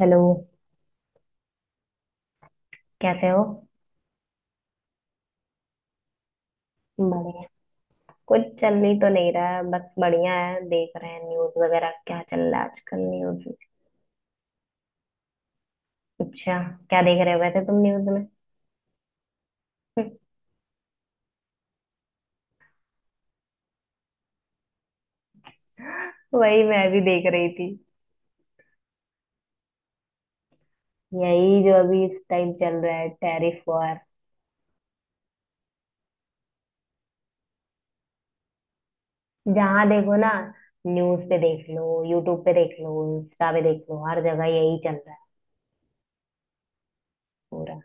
Hello. कैसे हो? बढ़िया। कुछ चल ही तो नहीं रहा है, बस बढ़िया है। देख रहे हैं न्यूज वगैरह क्या चल रहा है आजकल न्यूज में। अच्छा। क्या देख रहे हुए थे तुम न्यूज में? वही मैं भी देख रही थी। यही जो अभी इस टाइम चल रहा है, टैरिफ वॉर। जहां देखो ना, न्यूज पे देख लो, यूट्यूब पे देख लो, इंस्टा पे देख लो, हर जगह यही चल रहा है पूरा।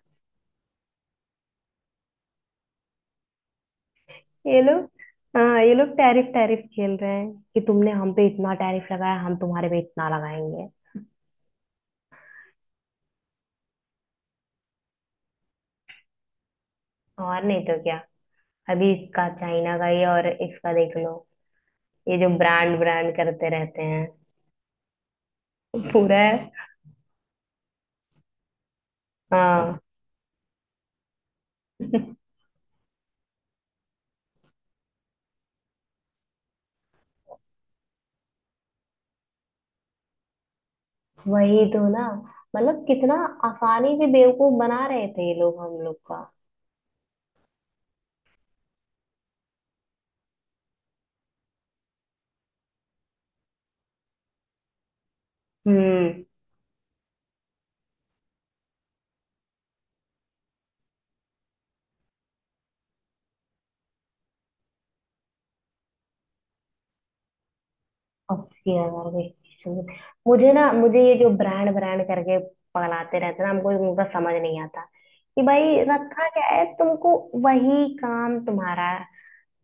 ये लोग, हाँ, ये लोग टैरिफ टैरिफ खेल रहे हैं कि तुमने हम पे इतना टैरिफ लगाया, हम तुम्हारे पे इतना लगाएंगे। और नहीं तो क्या। अभी इसका चाइना का ये और इसका देख लो। ये जो ब्रांड ब्रांड करते रहते हैं पूरा है। हाँ। वही तो ना। मतलब कितना आसानी से बेवकूफ बना रहे थे ये लोग हम लोग का। हम्म। 80 हज़ार के। शुरू- मुझे ना, मुझे ये जो ब्रांड ब्रांड करके पगलाते रहते ना, हमको उनका समझ नहीं आता कि भाई रखा क्या है तुमको। वही काम तुम्हारा।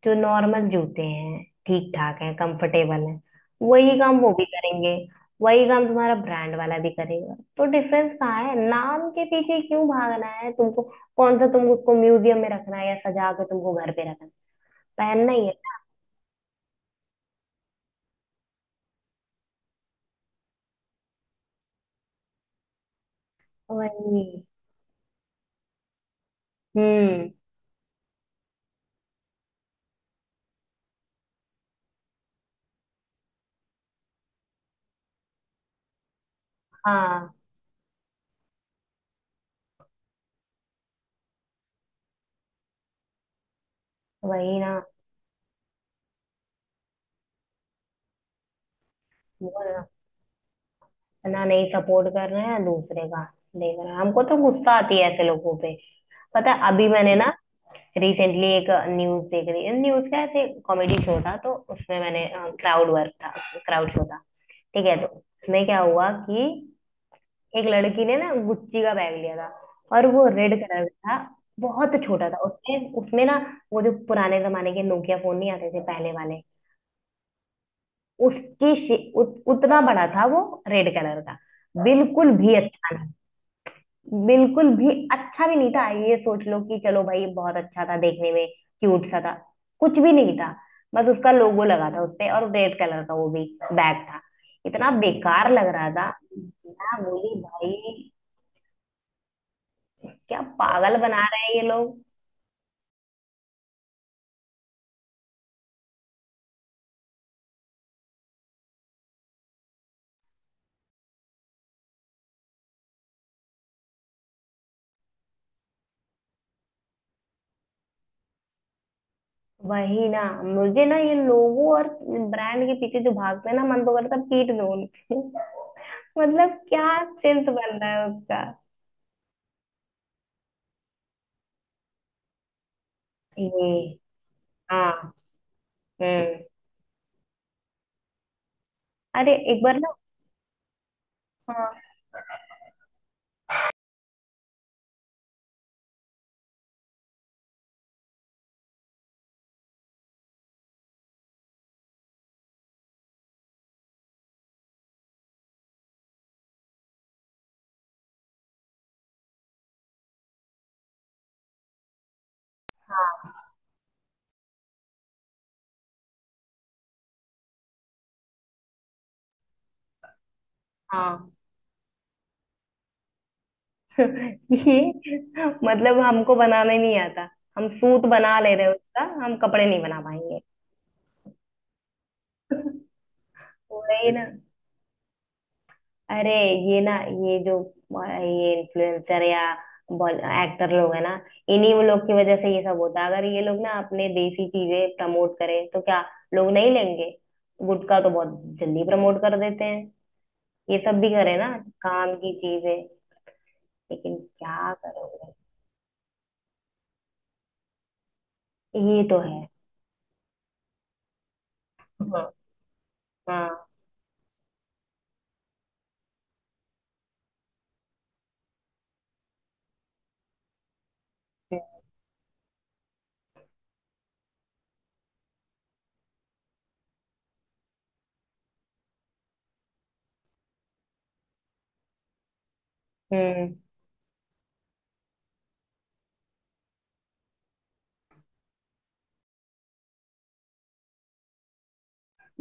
जो नॉर्मल जूते हैं, ठीक ठाक हैं, कंफर्टेबल हैं, वही काम वो भी करेंगे। वही काम तुम्हारा ब्रांड वाला भी करेगा, तो डिफरेंस कहाँ है? नाम के पीछे क्यों भागना है तुमको? कौन सा तुमको उसको म्यूजियम में रखना है या सजा के तुमको घर पे रखना है? पहनना ही है ना। वही। हम्म। हाँ। वही ना। वो ना, ना, नहीं सपोर्ट कर रहे हैं दूसरे का। देख रहे हैं, हमको तो गुस्सा आती है ऐसे लोगों पे। पता है, अभी मैंने ना रिसेंटली एक न्यूज देख रही, न्यूज का ऐसे कॉमेडी शो था, तो उसमें मैंने क्राउड वर्क था क्राउड शो था। ठीक है, तो उसमें क्या हुआ कि एक लड़की ने ना गुच्ची का बैग लिया था, और वो रेड कलर का था। बहुत छोटा था। उसमें उसमें ना, वो जो पुराने जमाने के नोकिया फोन नहीं आते थे पहले वाले, उतना बड़ा था वो। रेड कलर का। बिल्कुल भी अच्छा, बिल्कुल भी अच्छा भी नहीं था। ये सोच लो कि चलो भाई ये बहुत अच्छा था देखने में, क्यूट सा था, कुछ भी नहीं था। बस उसका लोगो लगा था उसपे, और रेड कलर का वो भी बैग था। इतना बेकार लग रहा था। मैं बोली भाई क्या पागल बना रहे हैं ये लोग। वही ना। मुझे ना ये लोगो और ब्रांड के पीछे जो भागते हैं ना, मन तो करता है पीट दो उनको। मतलब क्या सेंस बन रहा है उसका? ये। हाँ। हम्म। अरे एक बार ना, हाँ हाँ। ये, मतलब हमको बनाना ही नहीं आता। हम सूत बना ले रहे हैं, उसका हम कपड़े नहीं बना पाएंगे। वही ना। अरे, ये ना, ये जो ये इन्फ्लुएंसर या एक्टर लोग है ना, इन्हीं वो लोग की वजह से ये सब होता है। अगर ये लोग ना अपने देसी चीजें प्रमोट करें तो क्या लोग नहीं लेंगे? गुटखा तो बहुत जल्दी प्रमोट कर देते हैं, ये सब भी करें ना, काम की चीजें। लेकिन क्या करोगे। ये तो है। हाँ। हाँ। हम्म।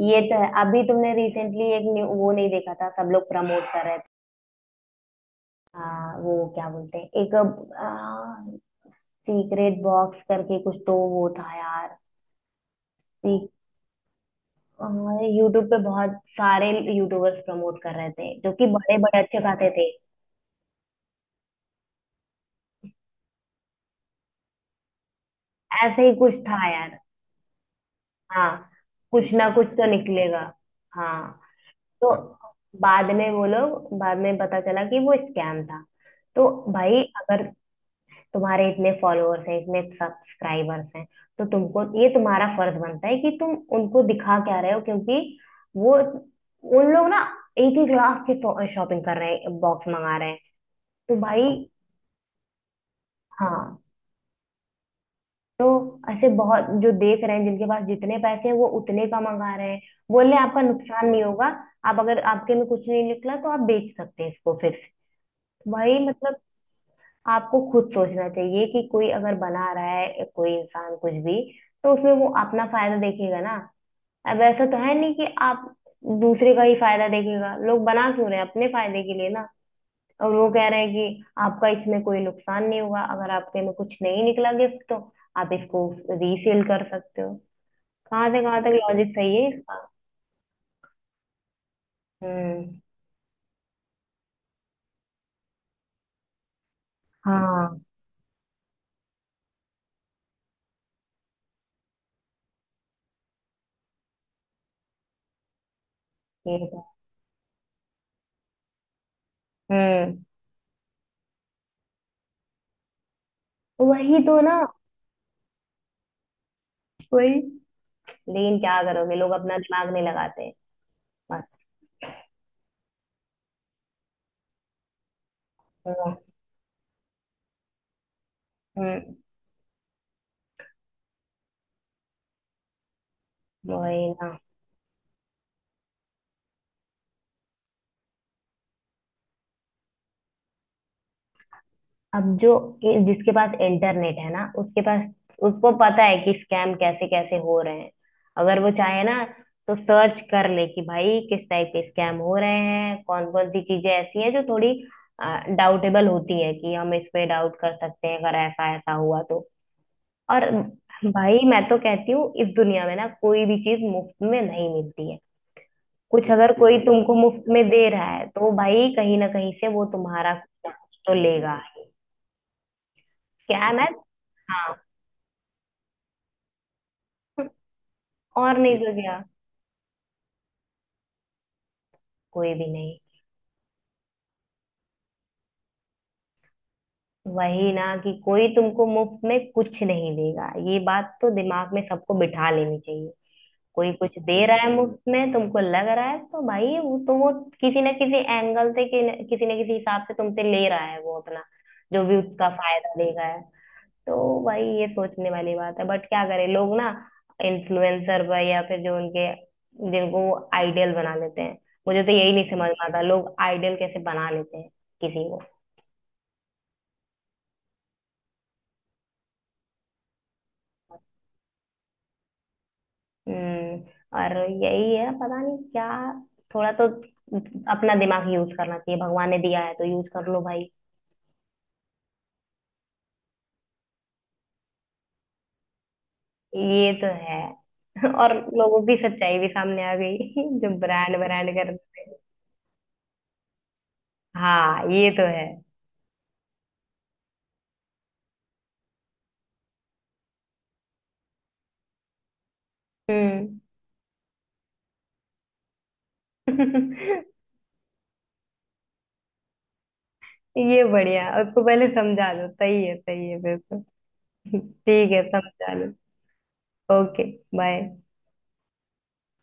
ये तो है। अभी तुमने रिसेंटली एक वो नहीं देखा था सब लोग प्रमोट कर रहे थे? वो क्या बोलते हैं, एक सीक्रेट बॉक्स करके कुछ तो वो था यार। यूट्यूब पे बहुत सारे यूट्यूबर्स प्रमोट कर रहे थे जो कि बड़े बड़े अच्छे खाते थे। ऐसे ही कुछ था यार। हाँ, कुछ ना कुछ तो निकलेगा। हाँ। तो बाद में वो लोग, बाद में पता चला कि वो स्कैम था। तो भाई अगर तुम्हारे इतने फॉलोअर्स हैं, इतने सब्सक्राइबर्स हैं, तो तुमको ये तुम्हारा फर्ज बनता है कि तुम उनको दिखा क्या रहे हो, क्योंकि वो उन लोग ना 1-1 लाख के शॉपिंग कर रहे हैं, बॉक्स मंगा रहे हैं। तो भाई। हाँ। तो ऐसे बहुत जो देख रहे हैं, जिनके पास जितने पैसे हैं वो उतने का मंगा रहे हैं। बोल रहे हैं आपका नुकसान नहीं होगा, आप अगर आपके में कुछ नहीं निकला तो आप बेच सकते हैं इसको फिर से। भाई मतलब आपको खुद सोचना चाहिए कि कोई अगर बना रहा है, या कोई इंसान कुछ भी, तो उसमें वो अपना फायदा देखेगा ना। अब ऐसा तो है नहीं कि आप दूसरे का ही फायदा देखेगा। लोग बना क्यों रहे हैं, अपने फायदे के लिए ना। और वो कह रहे हैं कि आपका इसमें कोई नुकसान नहीं होगा, अगर आपके में कुछ नहीं निकला गिफ्ट तो आप इसको रीसेल कर सकते हो। कहाँ से कहाँ तक लॉजिक सही है इसका। हम्म। हाँ ये तो। हम्म। वही तो ना। वही। लेकिन क्या करोगे, लोग अपना दिमाग नहीं लगाते बस। हम्म। वही ना। अब जो जिसके पास इंटरनेट है ना, उसके पास, उसको पता है कि स्कैम कैसे कैसे हो रहे हैं। अगर वो चाहे ना तो सर्च कर ले कि भाई किस टाइप के स्कैम हो रहे हैं, कौन कौन सी चीजें ऐसी हैं जो थोड़ी डाउटेबल होती है, कि हम इस पे डाउट कर सकते हैं अगर ऐसा ऐसा हुआ तो। और भाई मैं तो कहती हूँ इस दुनिया में ना कोई भी चीज मुफ्त में नहीं मिलती है। कुछ अगर कोई तुमको मुफ्त में दे रहा है तो भाई कहीं ना कहीं से वो तुम्हारा कुछ तो लेगा ही। क्या है ना। हाँ, और नहीं तो क्या। कोई भी नहीं। वही ना कि कोई तुमको मुफ्त में कुछ नहीं देगा, ये बात तो दिमाग में सबको बिठा लेनी चाहिए। कोई कुछ दे रहा है मुफ्त में, तुमको लग रहा है, तो भाई वो तो वो किसी ना किसी हिसाब से तुमसे ले रहा है वो अपना, जो भी उसका फायदा देगा है। तो भाई ये सोचने वाली बात है, बट क्या करें लोग ना इन्फ्लुएंसर पर, या फिर जो उनके, जिनको आइडियल बना लेते हैं। मुझे तो यही नहीं समझ में आता, लोग आइडियल कैसे बना लेते हैं किसी को। हम्म। और यही है पता नहीं क्या। थोड़ा तो अपना दिमाग यूज करना चाहिए, भगवान ने दिया है तो यूज कर लो भाई। ये तो है। और लोगों की सच्चाई भी सामने आ गई। जो ब्रांड ब्रांड कर। हाँ ये तो है। हम्म। ये बढ़िया, उसको पहले समझा लो। सही है, सही है बिल्कुल। ठीक है, समझा लो। ओके। बाय।